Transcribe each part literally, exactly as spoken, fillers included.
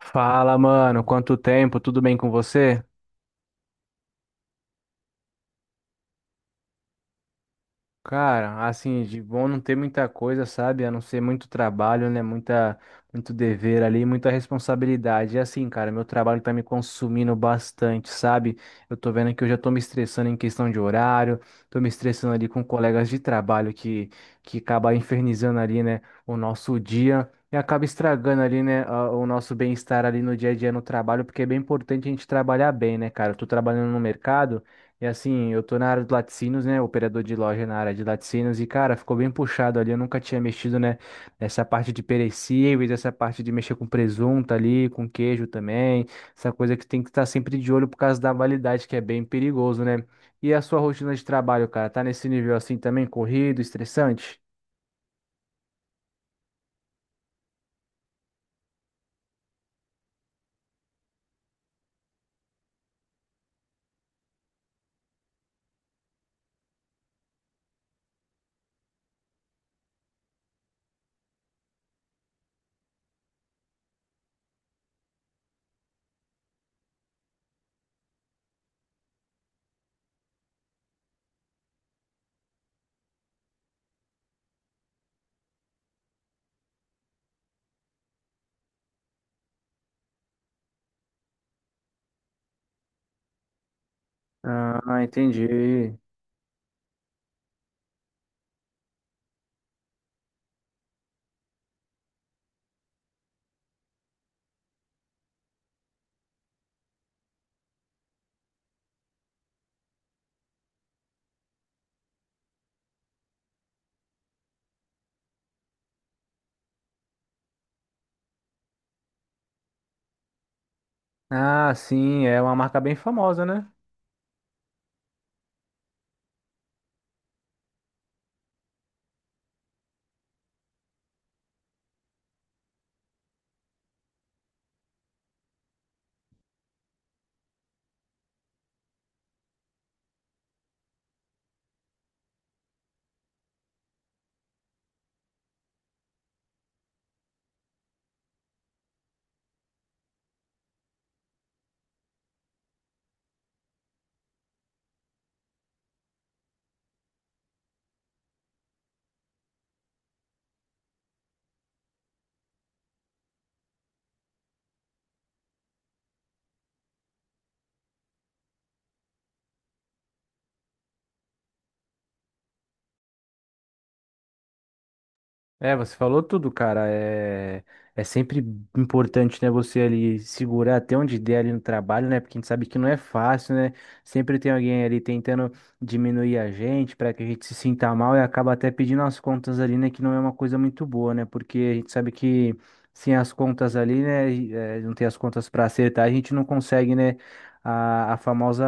Fala, mano, quanto tempo? Tudo bem com você? Cara, assim, de bom não ter muita coisa, sabe? A não ser muito trabalho, né? Muita, muito dever ali, muita responsabilidade. E assim, cara, meu trabalho tá me consumindo bastante, sabe? Eu tô vendo que eu já tô me estressando em questão de horário, tô me estressando ali com colegas de trabalho que, que acaba infernizando ali, né, o nosso dia. E acaba estragando ali, né, a- o nosso bem-estar ali no dia a dia no trabalho, porque é bem importante a gente trabalhar bem, né, cara? Eu tô trabalhando no mercado. E assim, eu tô na área de laticínios, né? Operador de loja na área de laticínios. E, cara, ficou bem puxado ali. Eu nunca tinha mexido, né? Nessa parte de perecíveis, essa parte de mexer com presunto ali, com queijo também. Essa coisa que tem que estar sempre de olho por causa da validade, que é bem perigoso, né? E a sua rotina de trabalho, cara? Tá nesse nível assim também? Corrido, estressante? Ah, entendi. Ah, sim, é uma marca bem famosa, né? É, você falou tudo, cara. É, é sempre importante, né, você ali segurar até onde der ali no trabalho, né? Porque a gente sabe que não é fácil, né? Sempre tem alguém ali tentando diminuir a gente para que a gente se sinta mal e acaba até pedindo as contas ali, né? Que não é uma coisa muito boa, né? Porque a gente sabe que sem as contas ali, né? Eh, não tem as contas para acertar, a gente não consegue, né? A, a famosa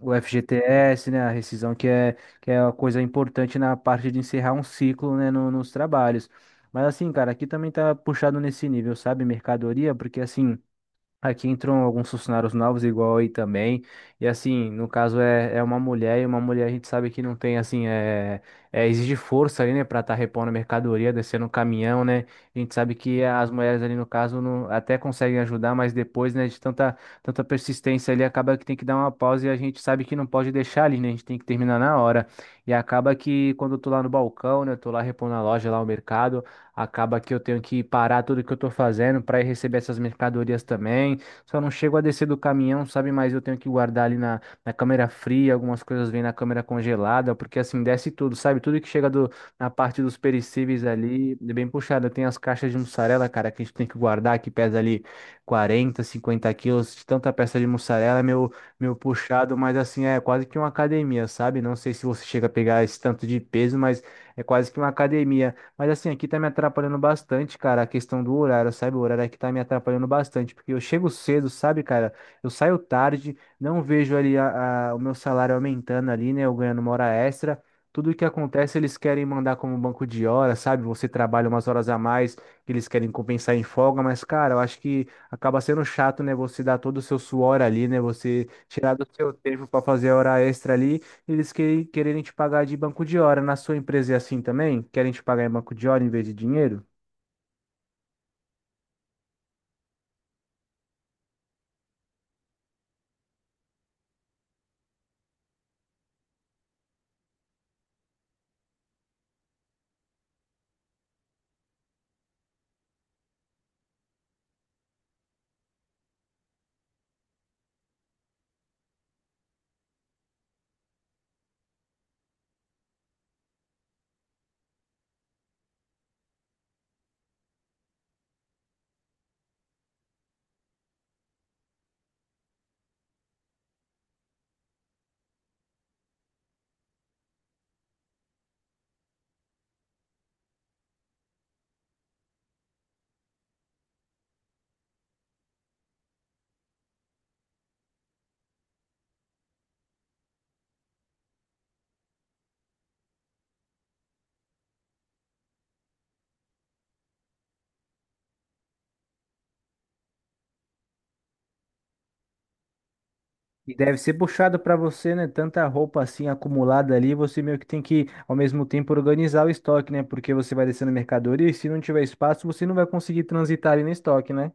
o F G T S, né? A rescisão que é uma coisa importante na parte de encerrar um ciclo, né, no- nos trabalhos. Mas assim, cara, aqui também tá puxado nesse nível, sabe? Mercadoria, porque assim. Aqui entram alguns funcionários novos, igual aí também. E assim, no caso é, é uma mulher, e uma mulher a gente sabe que não tem, assim, é, é, exige força ali, né, pra estar repondo a mercadoria, descendo o caminhão, né? A gente sabe que as mulheres ali, no caso, não, até conseguem ajudar, mas depois, né, de tanta, tanta persistência ali, acaba que tem que dar uma pausa e a gente sabe que não pode deixar ali, né? A gente tem que terminar na hora. E acaba que quando eu tô lá no balcão, né, eu tô lá repondo a loja, lá o mercado. Acaba que eu tenho que parar tudo que eu tô fazendo para ir receber essas mercadorias também. Só não chego a descer do caminhão, sabe? Mas eu tenho que guardar ali na, na câmera fria, algumas coisas vêm na câmera congelada, porque assim desce tudo, sabe? Tudo que chega do, na parte dos perecíveis ali, é bem puxado. Tem as caixas de mussarela, cara, que a gente tem que guardar, que pesa ali quarenta, cinquenta quilos de tanta peça de mussarela, é meu, meu puxado, mas assim, é quase que uma academia, sabe? Não sei se você chega a pegar esse tanto de peso, mas é quase que uma academia. Mas assim, aqui tá me atrapalhando bastante, cara, a questão do horário, sabe? O horário aqui tá me atrapalhando bastante, porque eu chego cedo, sabe, cara? Eu saio tarde, não vejo ali a, a- o meu salário aumentando ali, né? Eu ganhando uma hora extra. Tudo que acontece, eles querem mandar como banco de horas, sabe? Você trabalha umas horas a mais, que eles querem compensar em folga, mas, cara, eu acho que acaba sendo chato, né? Você dar todo o seu suor ali, né? Você tirar do seu tempo para fazer a hora extra ali. Eles que- quererem te pagar de banco de hora. Na sua empresa é assim também? Querem te pagar em banco de hora em vez de dinheiro? E deve ser puxado para você, né? Tanta roupa assim acumulada ali, você meio que tem que, ao mesmo tempo, organizar o estoque, né? Porque você vai descendo mercadoria e se não tiver espaço, você não vai conseguir transitar ali no estoque, né?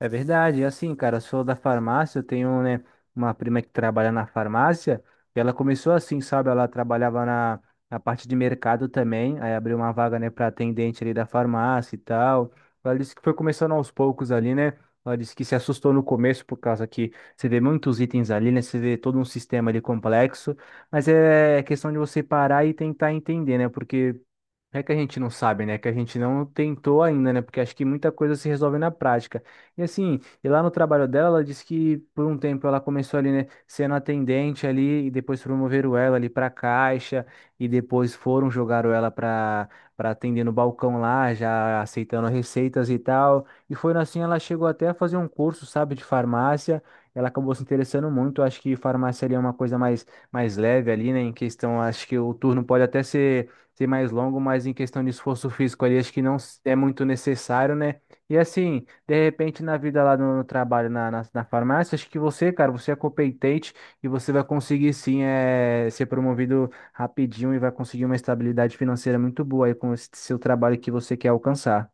É verdade, e assim, cara, eu sou da farmácia, eu tenho, né, uma prima que trabalha na farmácia, e ela começou assim, sabe? Ela trabalhava na, na parte de mercado também, aí abriu uma vaga, né, para atendente ali da farmácia e tal. Ela disse que foi começando aos poucos ali, né? Ela disse que se assustou no começo por causa que você vê muitos itens ali, né? Você vê todo um sistema ali complexo, mas é questão de você parar e tentar entender, né? Porque não é que a gente não sabe, né? É que a gente não tentou ainda, né? Porque acho que muita coisa se resolve na prática. E assim, e lá no trabalho dela, ela disse que por um tempo ela começou ali, né, sendo atendente ali, e depois promoveram ela ali para caixa, e depois foram jogaram ela para para atender no balcão lá, já aceitando receitas e tal. E foi assim, ela chegou até a fazer um curso, sabe, de farmácia. Ela acabou se interessando muito. Acho que farmácia ali é uma coisa mais, mais leve ali, né? Em questão, acho que o turno pode até ser ser mais longo, mas em questão de esforço físico ali, acho que não s- é muito necessário, né? E assim, de repente na vida lá no, no trabalho, na, na, na farmácia, acho que você, cara, você é competente e você vai conseguir sim é, ser promovido rapidinho e vai conseguir uma estabilidade financeira muito boa aí com esse seu trabalho que você quer alcançar.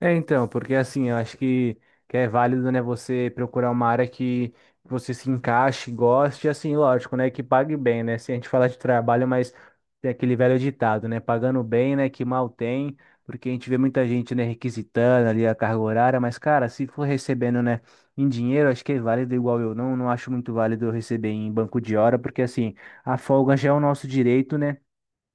É, então, porque assim, eu acho que, que é válido, né, você procurar uma área que você se encaixe, goste, assim, lógico, né, que pague bem, né, se a gente falar de trabalho, mas tem aquele velho ditado, né, pagando bem, né, que mal tem, porque a gente vê muita gente, né, requisitando ali a carga horária, mas, cara, se for recebendo, né, em dinheiro, acho que é válido igual eu não, não acho muito válido eu receber em banco de hora, porque, assim, a folga já é o nosso direito, né,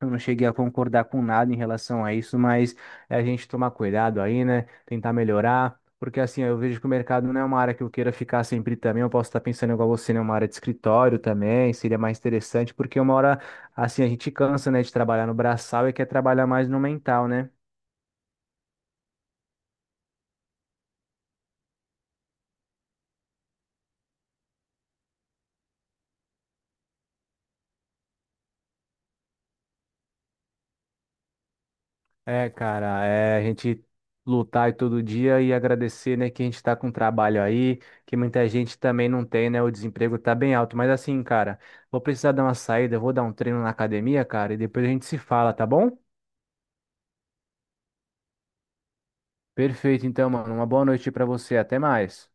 eu não cheguei a concordar com nada em relação a isso, mas é a gente tomar cuidado aí, né? Tentar melhorar, porque assim, eu vejo que o mercado não é uma área que eu queira ficar sempre também. Eu posso estar pensando igual você, né? Uma área de escritório também, seria mais interessante, porque uma hora, assim, a gente cansa, né, de trabalhar no braçal e quer trabalhar mais no mental, né? É, cara, é a gente lutar aí todo dia e agradecer, né, que a gente tá com trabalho aí, que muita gente também não tem, né, o desemprego tá bem alto. Mas assim, cara, vou precisar dar uma saída, vou dar um treino na academia, cara, e depois a gente se fala, tá bom? Perfeito, então, mano, uma boa noite pra você, até mais.